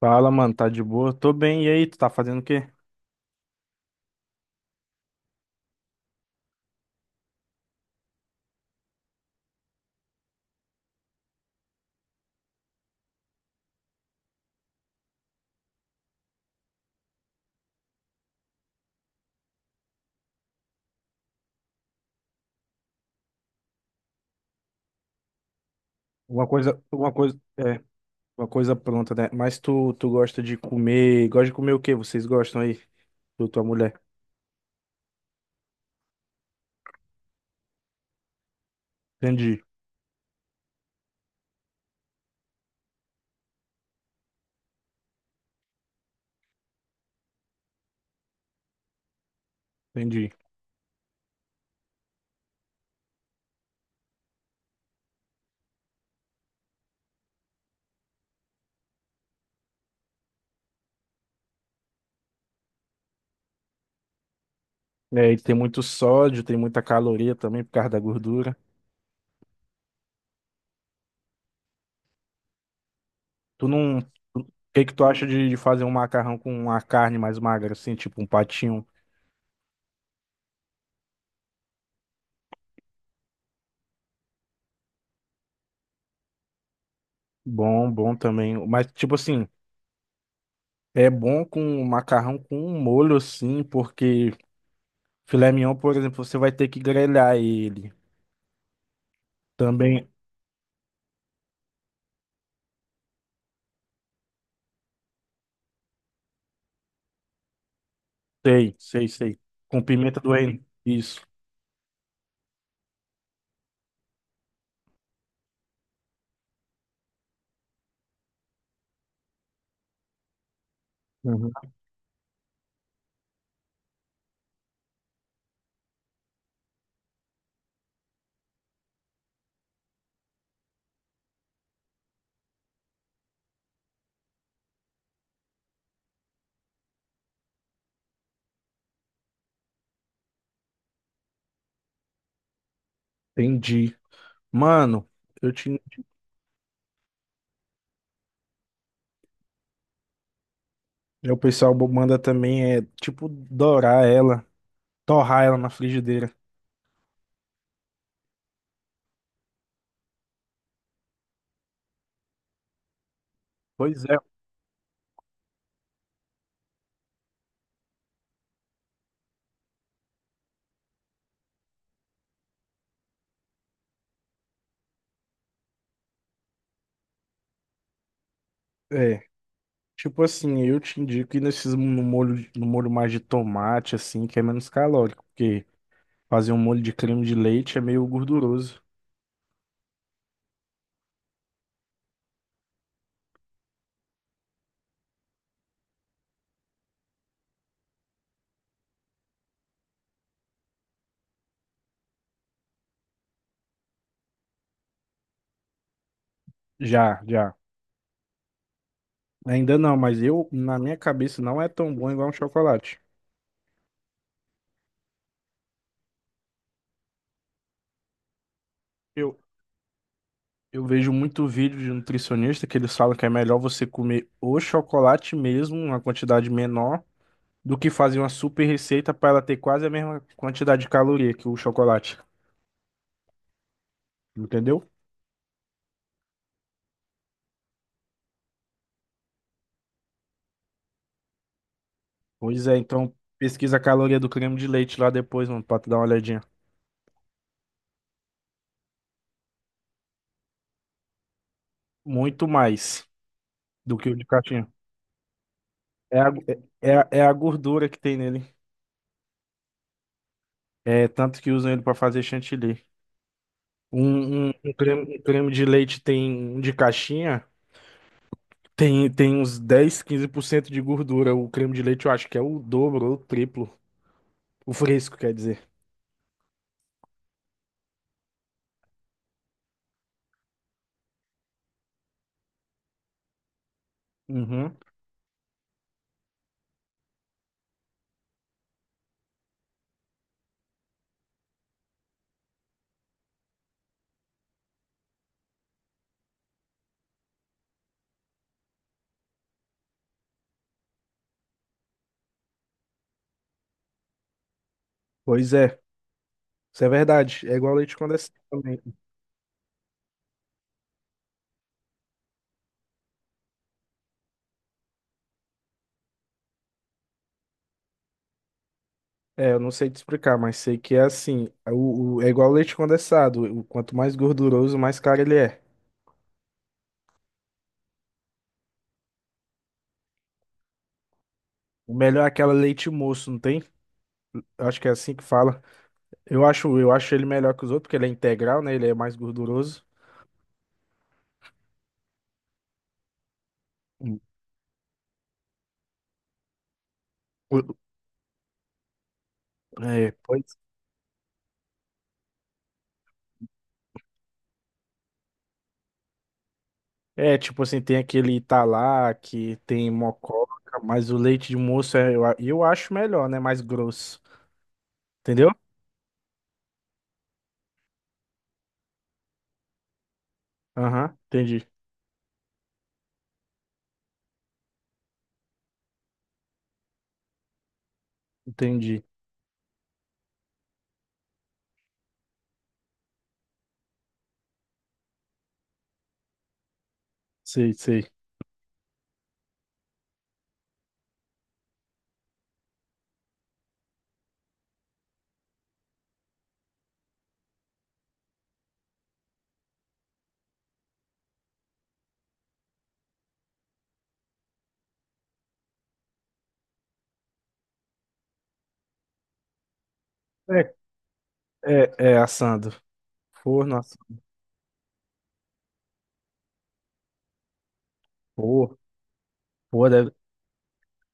Fala, mano, tá de boa? Tô bem, e aí, tu tá fazendo o quê? Uma coisa, uma coisa, é, uma coisa pronta, né? Mas tu gosta de comer o quê? Vocês gostam aí, tu, tua mulher? Entendi, entendi. É, e tem muito sódio, tem muita caloria também por causa da gordura. Tu não, tu- O que que tu acha de fazer um macarrão com uma carne mais magra, assim, tipo um patinho? Bom, bom também. Mas, tipo assim, é bom com macarrão com um molho, assim, porque filé mignon, por exemplo, você vai ter que grelhar ele. Também sei, sei, sei. Com pimenta do reino. Isso. Uhum. Entendi. Mano, eu te... o pessoal manda também é tipo dourar ela, torrar ela na frigideira. Pois é. É. Tipo assim, eu te indico ir nesses no molho, no molho mais de tomate, assim, que é menos calórico, porque fazer um molho de creme de leite é meio gorduroso. Já, já. Ainda não, mas eu, na minha cabeça, não é tão bom igual um chocolate. Eu, Eu vejo muito vídeo de nutricionista que eles falam que é melhor você comer o chocolate mesmo, uma quantidade menor, do que fazer uma super receita para ela ter quase a mesma quantidade de caloria que o chocolate. Entendeu? Pois é, então pesquisa a caloria do creme de leite lá depois, mano, pra tu dar uma olhadinha. Muito mais do que o de caixinha. É a, é, é a gordura que tem nele. É tanto que usam ele para fazer chantilly. Um creme de leite tem um de caixinha. Tem uns 10 15% de gordura. O creme de leite eu acho que é o dobro ou o triplo. O fresco, quer dizer. Uhum. Pois é. Isso é verdade. É igual leite condensado também. É, eu não sei te explicar, mas sei que é assim. É igual leite condensado. Quanto mais gorduroso, mais caro ele é. O melhor é aquela leite moço, não tem? Eu acho que é assim que fala. Eu acho ele melhor que os outros, porque ele é integral, né? Ele é mais gorduroso. Hum. É, pois é, tipo assim, tem aquele Italac, tem mococa, mas o leite de moço eu acho melhor, né? Mais grosso. Entendeu? Aham, entendi. Entendi. Sei, sei. É, é assando. Forno, assando. Pô, pô, deve,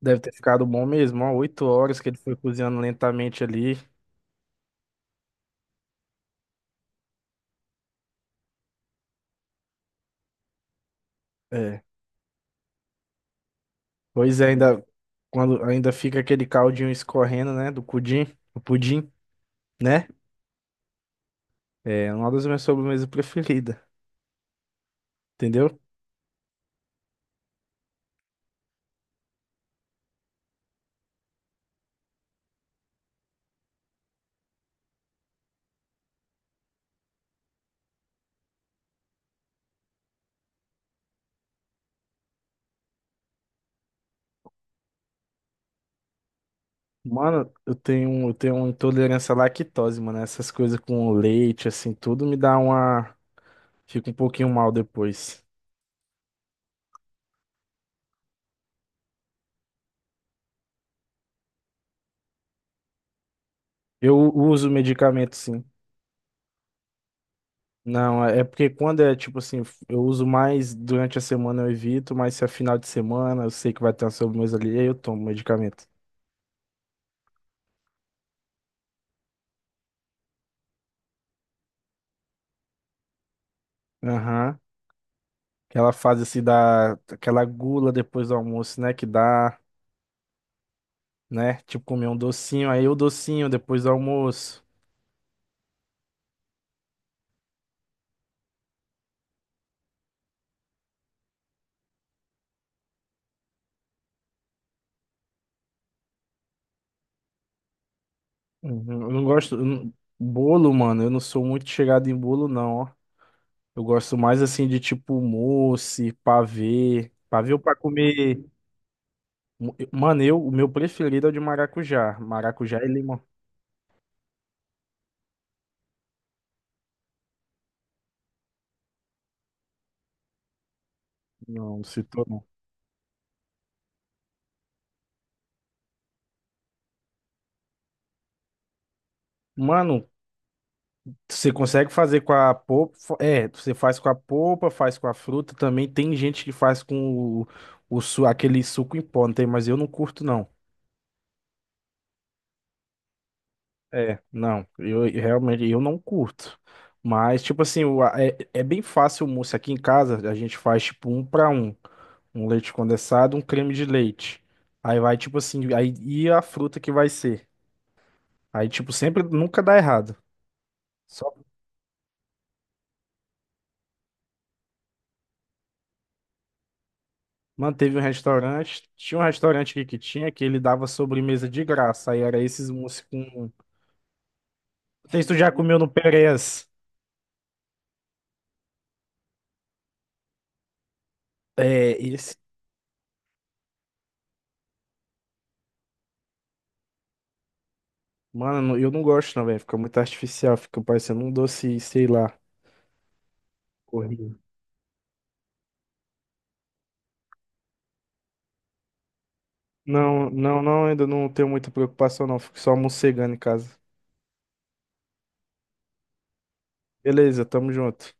deve ter ficado bom mesmo, ó. 8 horas que ele foi cozinhando lentamente ali. É. Pois é, ainda fica aquele caldinho escorrendo, né? Do pudim, o pudim, né? É uma das minhas sobremesas preferidas. Entendeu? Mano, eu tenho uma intolerância à lactose, mano. Essas coisas com leite, assim, tudo me dá uma. Fica um pouquinho mal depois. Eu uso medicamento, sim. Não, é porque quando é tipo assim, eu uso mais durante a semana, eu evito, mas se é final de semana, eu sei que vai ter uma sobremesa ali, aí eu tomo medicamento. Aham. Aquela fase assim da. Aquela gula depois do almoço, né? Que dá, né? Tipo comer um docinho, aí o docinho depois do almoço. Uhum. Eu não gosto. Eu não- Bolo, mano, eu não sou muito chegado em bolo, não, ó. Eu gosto mais assim de tipo mousse, pavê. Pavê ou pra comer. Mano, o meu preferido é o de maracujá. Maracujá e limão. Não, não citou, não. Mano, você consegue fazer com a polpa. É, você faz com a polpa, faz com a fruta. Também tem gente que faz com o, aquele suco em pó, não tem? Mas eu não curto, não. É, não, eu realmente eu não curto. Mas, tipo assim, é bem fácil o mousse aqui em casa. A gente faz tipo um para um. Um leite condensado, um creme de leite. Aí vai, tipo assim, aí e a fruta que vai ser. Aí, tipo, sempre nunca dá errado. Só manteve um restaurante. Tinha um restaurante aqui que tinha que ele dava sobremesa de graça. Aí era esses mousse com. Não sei se tu já comeu no Perez. É, esse. Mano, eu não gosto, não, velho. Fica muito artificial, fica parecendo um doce, sei lá. Horrível. Não, não, não, ainda não tenho muita preocupação, não. Fico só mocegando em casa. Beleza, tamo junto.